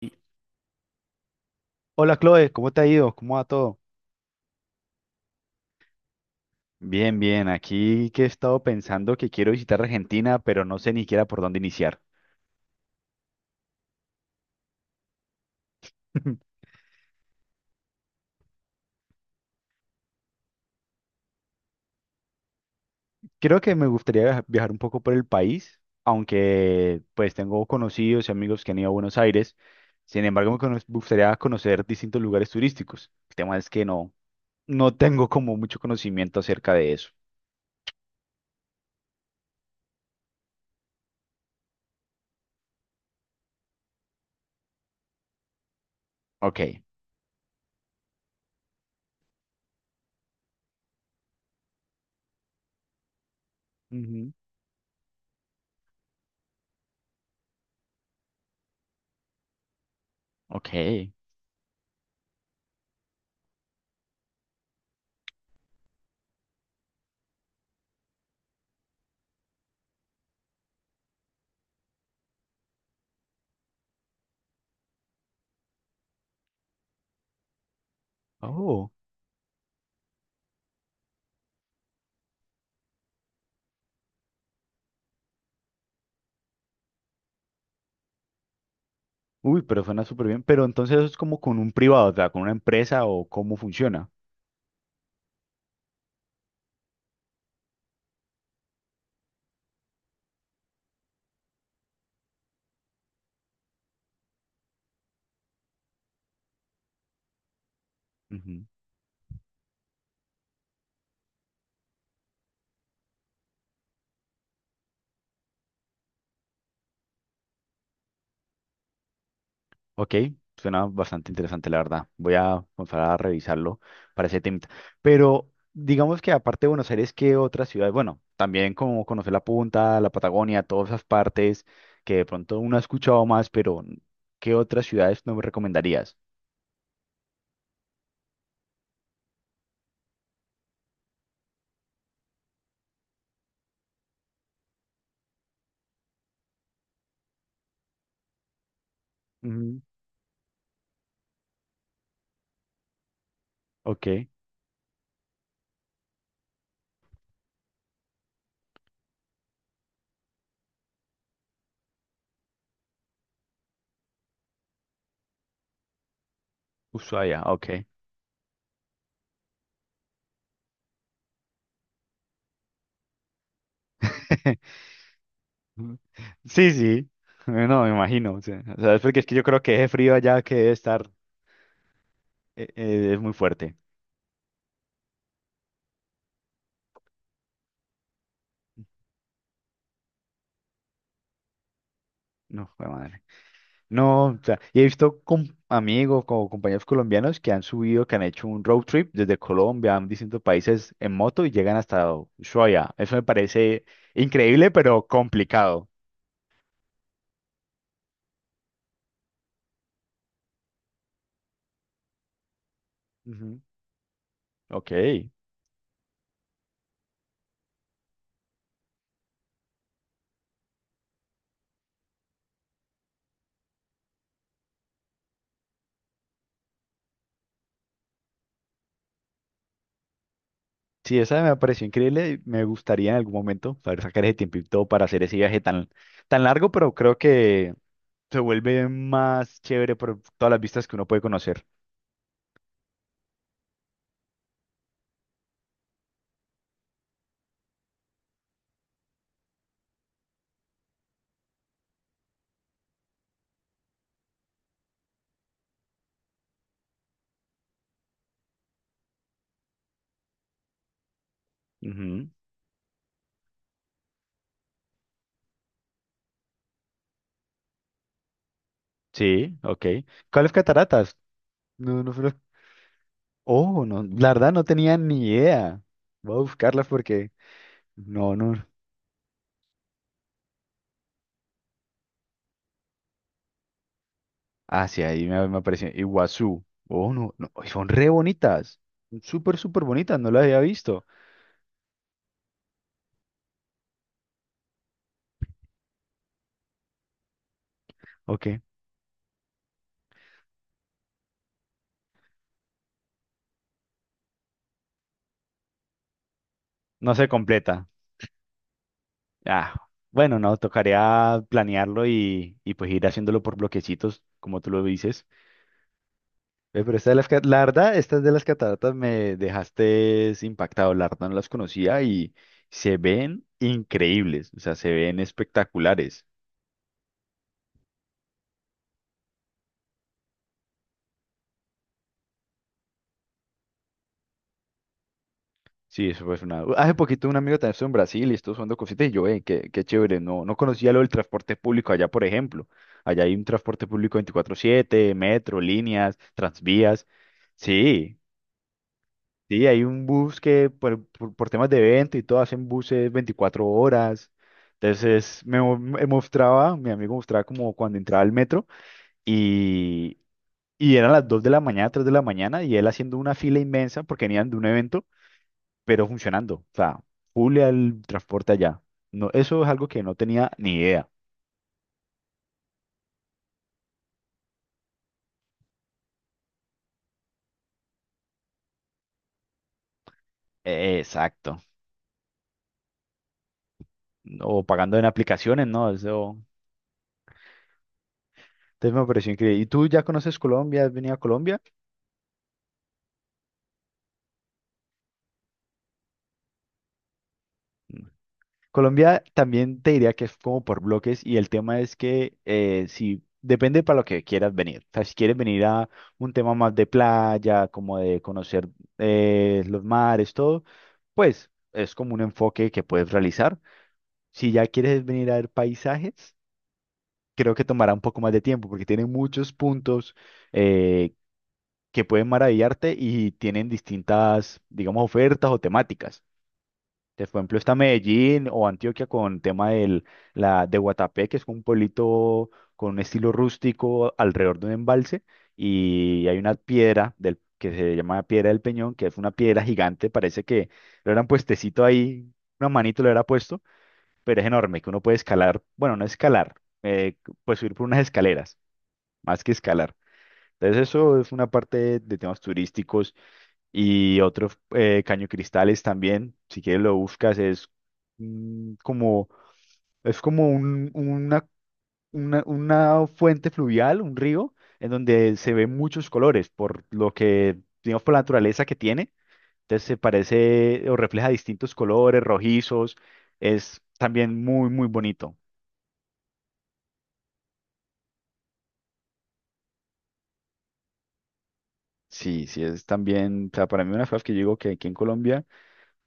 Y- Hola Chloe, ¿cómo te ha ido? ¿Cómo va todo? Bien, bien, aquí que he estado pensando que quiero visitar Argentina, pero no sé ni siquiera por dónde iniciar. Creo que me gustaría viajar un poco por el país, aunque pues tengo conocidos y amigos que han ido a Buenos Aires. Sin embargo, gustaría conocer distintos lugares turísticos. El tema es que no, no tengo como mucho conocimiento acerca de eso. Ok. Ujú. Ok. Oh, uy, pero suena súper bien. Pero entonces eso es como con un privado, o sea, con una empresa o cómo funciona. Ujú. Ok, suena bastante interesante, la verdad. Voy a comenzar a revisarlo para ese tema. Pero digamos que aparte de Buenos Aires, ¿qué otras ciudades? Bueno, también como conocer la Punta, la Patagonia, todas esas partes que de pronto uno ha escuchado más, pero ¿qué otras ciudades no me recomendarías? Ujú. Ok. Ushuaia, ok. Ujú. Sí, sí. No, me imagino. Sí. O sea, es porque es que yo creo que ese frío allá que debe estar es muy fuerte. No, jue madre. No, o sea, y he visto amigos o compañeros colombianos que han subido, que han hecho un road trip desde Colombia a distintos países en moto y llegan hasta Ushuaia. Eso me parece increíble, pero complicado. Ujú. Ok. Sí, esa me pareció increíble. Y me gustaría en algún momento poder sacar ese tiempito para hacer ese viaje tan, tan largo, pero creo que se vuelve más chévere por todas las vistas que uno puede conocer. Ujú. Sí, ok. ¿Cuáles cataratas? No, no sé. Oh, no, la verdad no tenía ni idea. Voy a buscarlas porque no, no. Ah, sí, ahí me, me apareció Iguazú. Oh, no, no, y son re bonitas. Son súper, súper bonitas, no las había visto. Ok, no se completa. Ah, bueno, no, tocaría planearlo y pues ir haciéndolo por bloquecitos, como tú lo dices. Pero esta de la verdad, estas de las cataratas me dejaste impactado. La verdad no las conocía y se ven increíbles, o sea, se ven espectaculares. Sí, eso fue una... Hace poquito un amigo también estuvo en Brasil y estuvo usando cositas y yo, qué, qué chévere, no, no conocía lo del transporte público allá, por ejemplo. Allá hay un transporte público 24/7, metro, líneas, transvías. Sí, sí, hay un bus que por temas de evento y todo hacen buses 24 horas. Me mostraba, mi amigo mostraba como cuando entraba al metro y, y eran las 2 de la mañana, 3 de la mañana y él haciendo una fila inmensa porque venían de un evento pero funcionando. O sea, full al transporte allá. No, eso es algo que no tenía ni idea. Exacto. O pagando en aplicaciones, ¿no? Eso. Entonces me pareció increíble. ¿Y tú ya conoces Colombia? ¿Has venido a Colombia? Mm. Colombia también te diría que es como por bloques y el tema es que si depende para lo que quieras venir. O sea, si quieres venir a un tema más de playa, como de conocer los mares, todo, pues es como un enfoque que puedes realizar. Si ya quieres venir a ver paisajes, creo que tomará un poco más de tiempo porque tiene muchos puntos eh, que pueden maravillarte y tienen distintas, digamos, ofertas o temáticas. Entonces, por ejemplo, está Medellín o Antioquia con tema de Guatapé, que es un pueblito con un estilo rústico alrededor de un embalse y hay una piedra que se llama Piedra del Peñón, que es una piedra gigante, parece que lo hubieran puestecito ahí, una manito lo hubiera puesto, pero es enorme, que uno puede escalar, bueno, no escalar, eh, pues subir por unas escaleras más que escalar. Entonces eso es una parte de temas turísticos y otro Caño Cristales también, si quieres lo buscas, es mm, como, es como una fuente fluvial, un río, en donde se ven muchos colores, por lo que, digamos, por la naturaleza que tiene. Entonces se parece o refleja distintos colores, rojizos, es también muy, muy bonito. Sí, sí, es también, o sea, para mí una de las cosas que yo digo que aquí en Colombia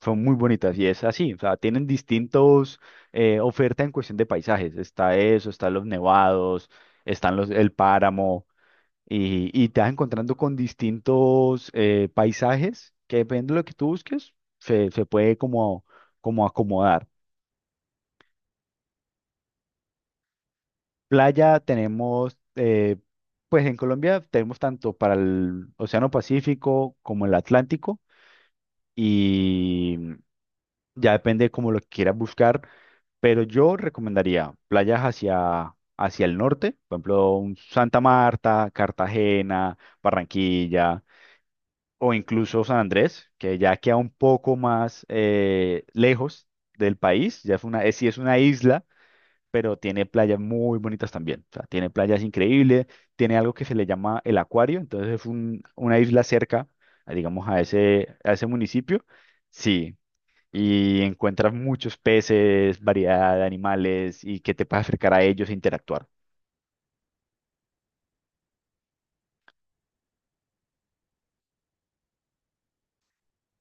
son muy bonitas y es así, o sea, tienen distintos ofertas en cuestión de paisajes. Está eso, están los nevados, están el páramo y te vas encontrando con distintos paisajes que depende de lo que tú busques, se puede como, como acomodar. Playa tenemos, pues en Colombia tenemos tanto para el Océano Pacífico como el Atlántico y ya depende como lo que quieras buscar. Pero yo recomendaría playas hacia, hacia el norte, por ejemplo, un Santa Marta, Cartagena, Barranquilla o incluso San Andrés, que ya queda un poco más lejos del país. Ya es sí es una isla, pero tiene playas muy bonitas también. O sea, tiene playas increíbles, tiene algo que se le llama el acuario, entonces es una isla cerca, digamos, a ese municipio. Sí, y encuentras muchos peces, variedad de animales y que te puedes acercar a ellos e interactuar.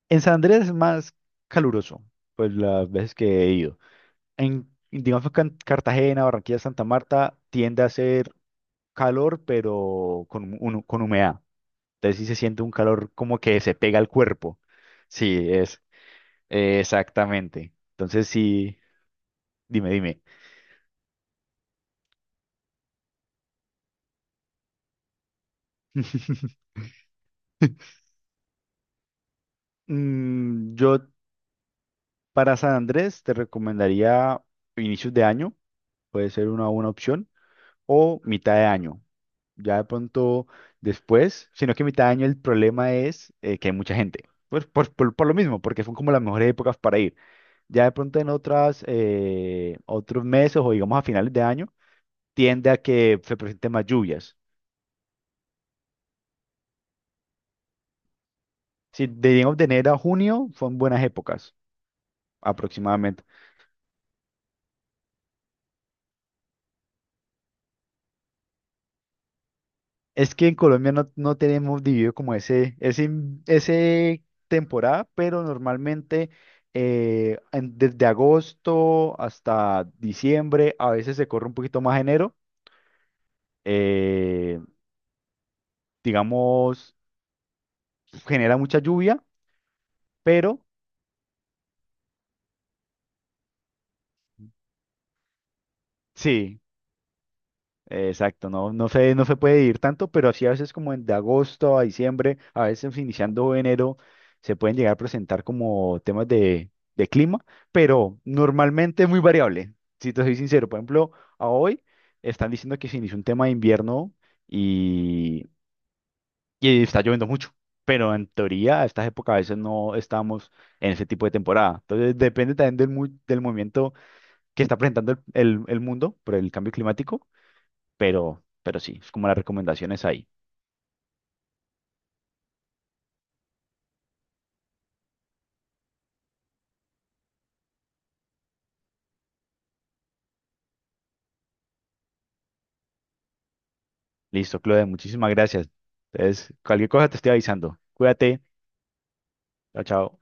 En San Andrés es más caluroso, pues las veces que he ido. En, digamos que en Cartagena, Barranquilla, Santa Marta tiende a ser calor, pero con humedad. Entonces sí se siente un calor como que se pega al cuerpo. Sí, es exactamente. Entonces sí, dime, dime. Mm, yo Para San Andrés te recomendaría inicios de año, puede ser una buena opción, o mitad de año. Ya de pronto después, sino que mitad de año el problema es que hay mucha gente. Pues por lo mismo, porque son como las mejores épocas para ir. Ya de pronto en otras, otros meses o digamos a finales de año, tiende a que se presenten más lluvias. Si digamos de enero a junio son buenas épocas aproximadamente. Es que en Colombia no, no tenemos dividido como ese temporada, pero normalmente desde agosto hasta diciembre, a veces se corre un poquito más enero, eh, digamos, genera mucha lluvia, pero sí, exacto, no se puede ir tanto, pero sí a veces como en de agosto a diciembre, a veces iniciando enero, se pueden llegar a presentar como temas de clima, pero normalmente es muy variable. Si te soy sincero, por ejemplo, a hoy están diciendo que se inició un tema de invierno y, y está lloviendo mucho, pero en teoría a estas épocas a veces no estamos en ese tipo de temporada. Entonces depende también del movimiento que está presentando el mundo por el cambio climático pero sí, es como las recomendaciones ahí. Listo, Claudia, muchísimas gracias. Entonces, cualquier cosa te estoy avisando. Cuídate. Chao, chao.